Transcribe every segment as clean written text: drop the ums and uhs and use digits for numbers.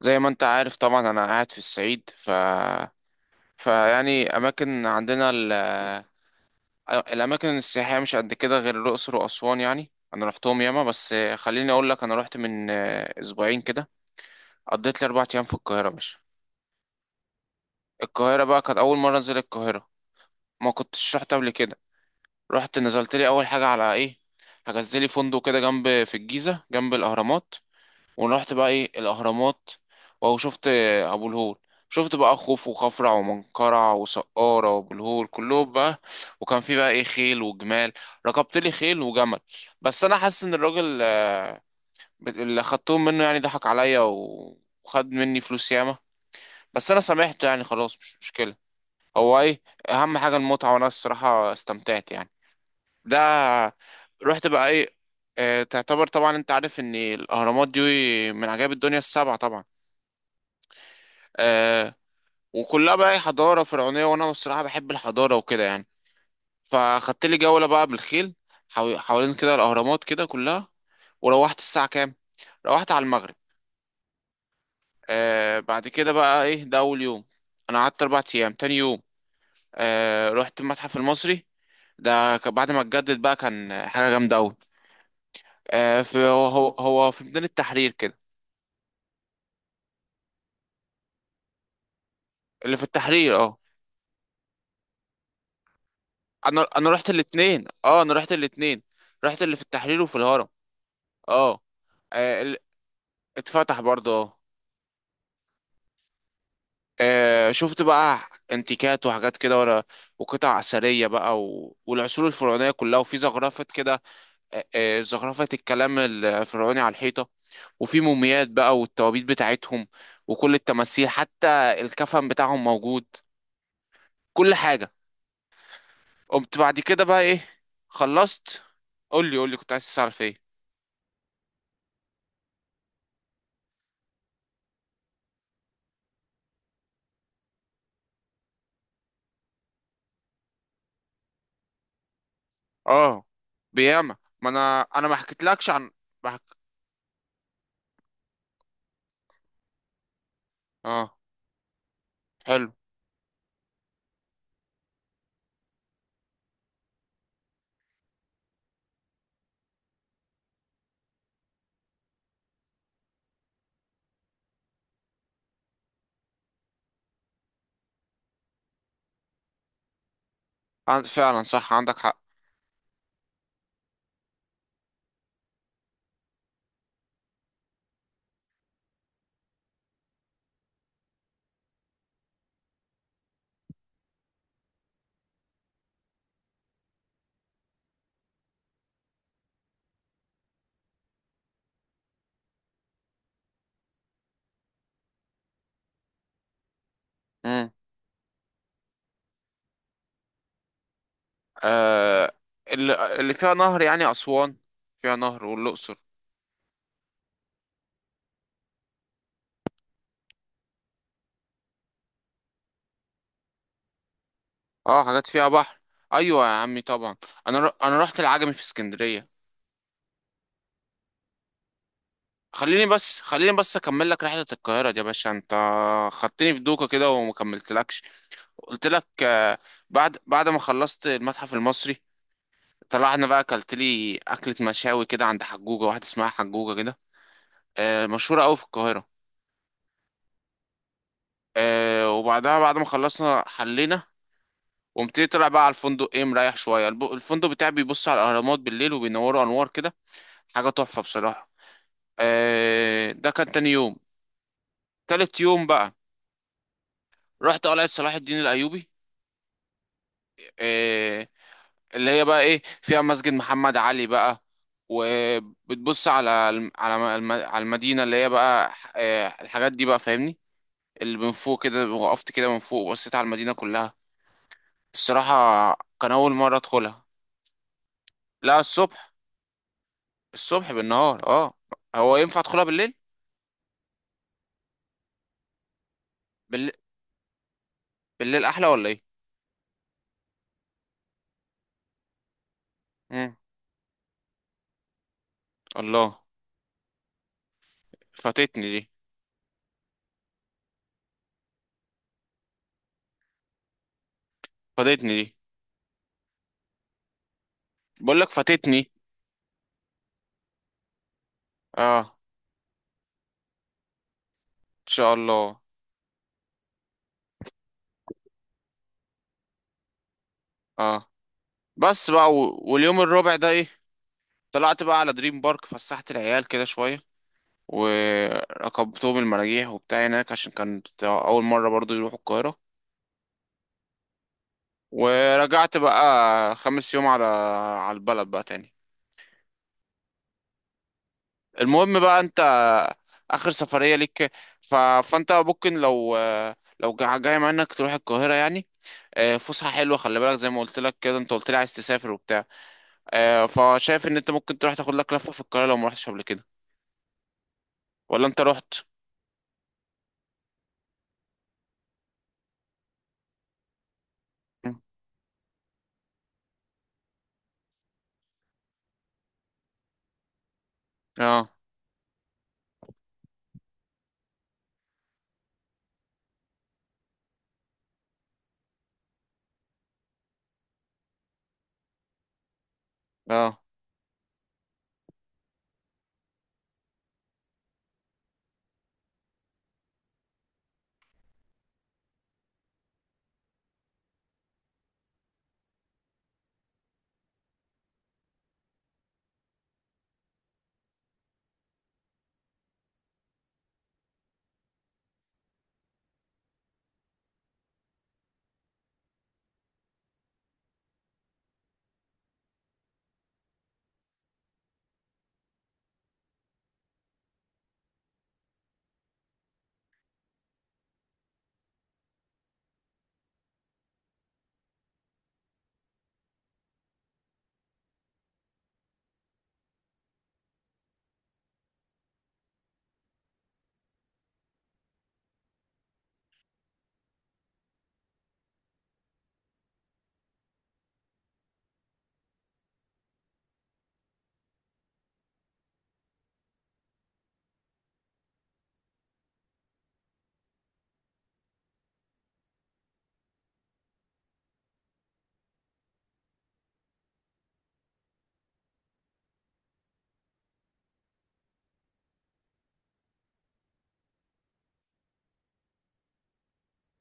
زي ما انت عارف طبعا، انا قاعد في الصعيد. فيعني اماكن عندنا الاماكن السياحيه مش قد كده غير الاقصر واسوان، يعني انا رحتهم ياما. بس خليني اقول لك، انا رحت من اسبوعين كده. قضيت لي 4 ايام في القاهره. مش القاهره بقى كانت اول مره انزل القاهره، ما كنتش رحت قبل كده. رحت نزلت لي اول حاجه على ايه، حجزت لي فندق كده جنب في الجيزه جنب الاهرامات. ورحت بقى ايه الاهرامات، واهو شفت ابو الهول. شفت بقى خوف وخفرع ومنقرع وسقارة وابو الهول كلهم بقى. وكان في بقى ايه خيل وجمال، ركبت لي خيل وجمل. بس انا حاسس ان الراجل اللي خدتهم منه يعني ضحك عليا وخد مني فلوس ياما. بس انا سامحته يعني، خلاص مش مشكلة. هو ايه اهم حاجة المتعة، وانا الصراحة استمتعت يعني. ده رحت بقى ايه، تعتبر طبعا انت عارف ان الاهرامات دي من عجائب الدنيا السبعة طبعا. آه، وكلها بقى حضارة فرعونية، وأنا الصراحة بحب الحضارة وكده يعني. فخدت لي جولة بقى بالخيل، حوالين كده الأهرامات كده كلها. وروحت الساعة كام؟ روحت على المغرب. بعد كده بقى إيه، ده أول يوم. أنا قعدت 4 أيام. تاني يوم آه رحت المتحف المصري، ده بعد ما اتجدد بقى كان حاجة جامدة أوي. آه في هو هو هو في ميدان التحرير كده. اللي في التحرير اه. أنا رحت الاتنين، اه أنا رحت الاتنين. رحت اللي في التحرير وفي الهرم. اه، آه، ال- اتفتح برضه اه. شفت بقى انتيكات وحاجات كده ورا، وقطع أثرية بقى والعصور الفرعونية كلها، وفي زخرفة كده. زخرفة الكلام الفرعوني على الحيطة. وفي موميات بقى والتوابيت بتاعتهم، وكل التماثيل. حتى الكفن بتاعهم موجود، كل حاجة. قمت بعد كده بقى ايه؟ خلصت. قول لي كنت عايز تعرف ايه. اه بياما. ما انا ما حكيتلكش عن بحك... اه حلو. عند فعلا صح، عندك حق. امم، آه اللي فيها نهر يعني أسوان، فيها نهر والأقصر. اه حاجات فيها بحر، ايوه يا عمي طبعا. انا رحت العجمي في اسكندرية. خليني بس اكمل لك رحلة القاهرة دي يا باشا انت. خدتني في دوكة كده وما كملتلكش. قلت لك آه. بعد ما خلصت المتحف المصري، طلعنا بقى. اكلت لي اكلة مشاوي كده عند حجوجة واحدة اسمها حجوجة كده، آه مشهورة قوي في القاهرة. آه وبعدها بعد ما خلصنا حلينا، قمت إيه طلع بقى على الفندق ايه مريح شويه. الفندق بتاعي بيبص على الاهرامات بالليل وبينوروا انوار كده، حاجه تحفه بصراحه. آه ده كان تاني يوم. تالت يوم بقى، رحت قلعه صلاح الدين الايوبي. آه اللي هي بقى ايه فيها مسجد محمد علي بقى. وبتبص على على المدينه، اللي هي بقى آه الحاجات دي بقى فاهمني. اللي من فوق كده، وقفت كده من فوق وبصيت على المدينه كلها الصراحه. كان اول مره ادخلها. لا، الصبح. الصبح بالنهار اه. هو ينفع ادخلها بالليل؟ بالليل, بالليل احلى ولا ايه؟ مم. الله. فاتتني دي. فاتتني دي، بقول لك فاتتني. اه ان شاء الله. اه بس بقى، واليوم الرابع ده ايه؟ طلعت بقى على دريم بارك، فسحت العيال كده شويه وركبتهم المراجيح وبتاع هناك، عشان كانت اول مره برضو يروحوا القاهره. ورجعت بقى 5 يوم على البلد بقى تاني. المهم بقى انت، اخر سفرية ليك. ف... فانت ممكن لو لو جاي منك تروح القاهرة يعني. آه، فسحة حلوة خلي بالك زي ما قلت لك كده، انت قلت لي عايز تسافر وبتاع. آه، فشايف ان انت ممكن تروح تاخد لك لفة في القاهرة لو ما رحتش قبل كده، ولا انت رحت؟ مم. اه اه.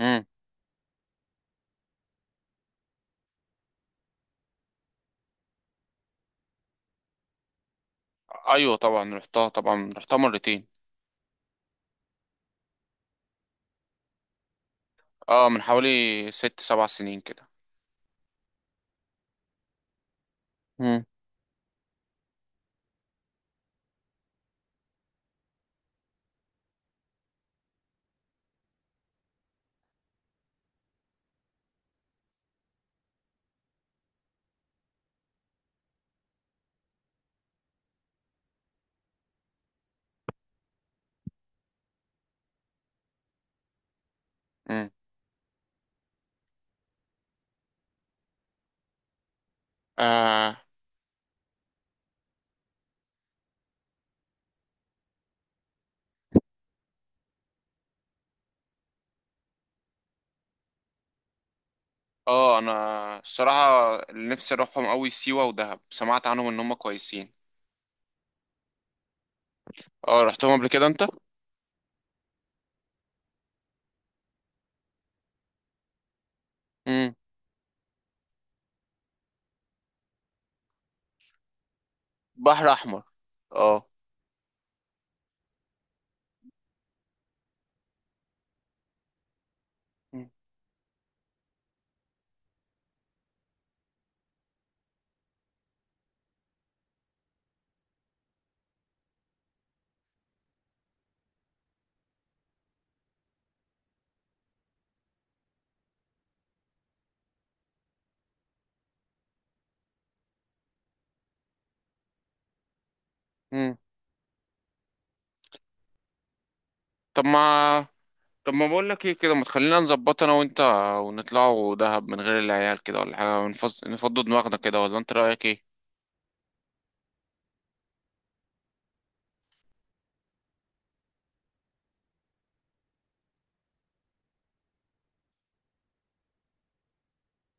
مم. ايوه طبعا رحتها، طبعا رحتها مرتين. اه من حوالي 6 7 سنين كده. مم. مم. اه اه، انا الصراحة اللي نفسي اروحهم قوي سيوة ودهب، سمعت عنهم ان هم كويسين. اه رحتهم قبل كده انت؟ امم. بحر احمر اه. مم. مم. طب ما طب ما بقول لك ايه كده، ما تخلينا نظبط انا وانت ونطلعوا دهب من غير العيال كده ولا حاجه، نفضوا دماغنا كده، ولا انت رايك ايه؟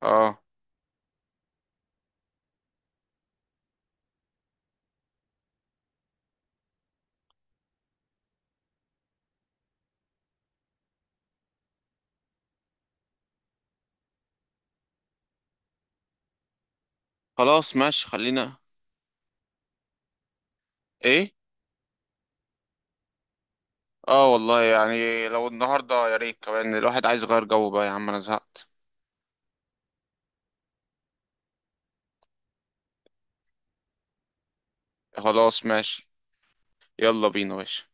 اه خلاص ماشي خلينا. ايه. اه والله يعني، لو النهارده يا ريت. كمان الواحد عايز يغير جو بقى يا عم، انا زهقت. خلاص ماشي يلا بينا يا باشا.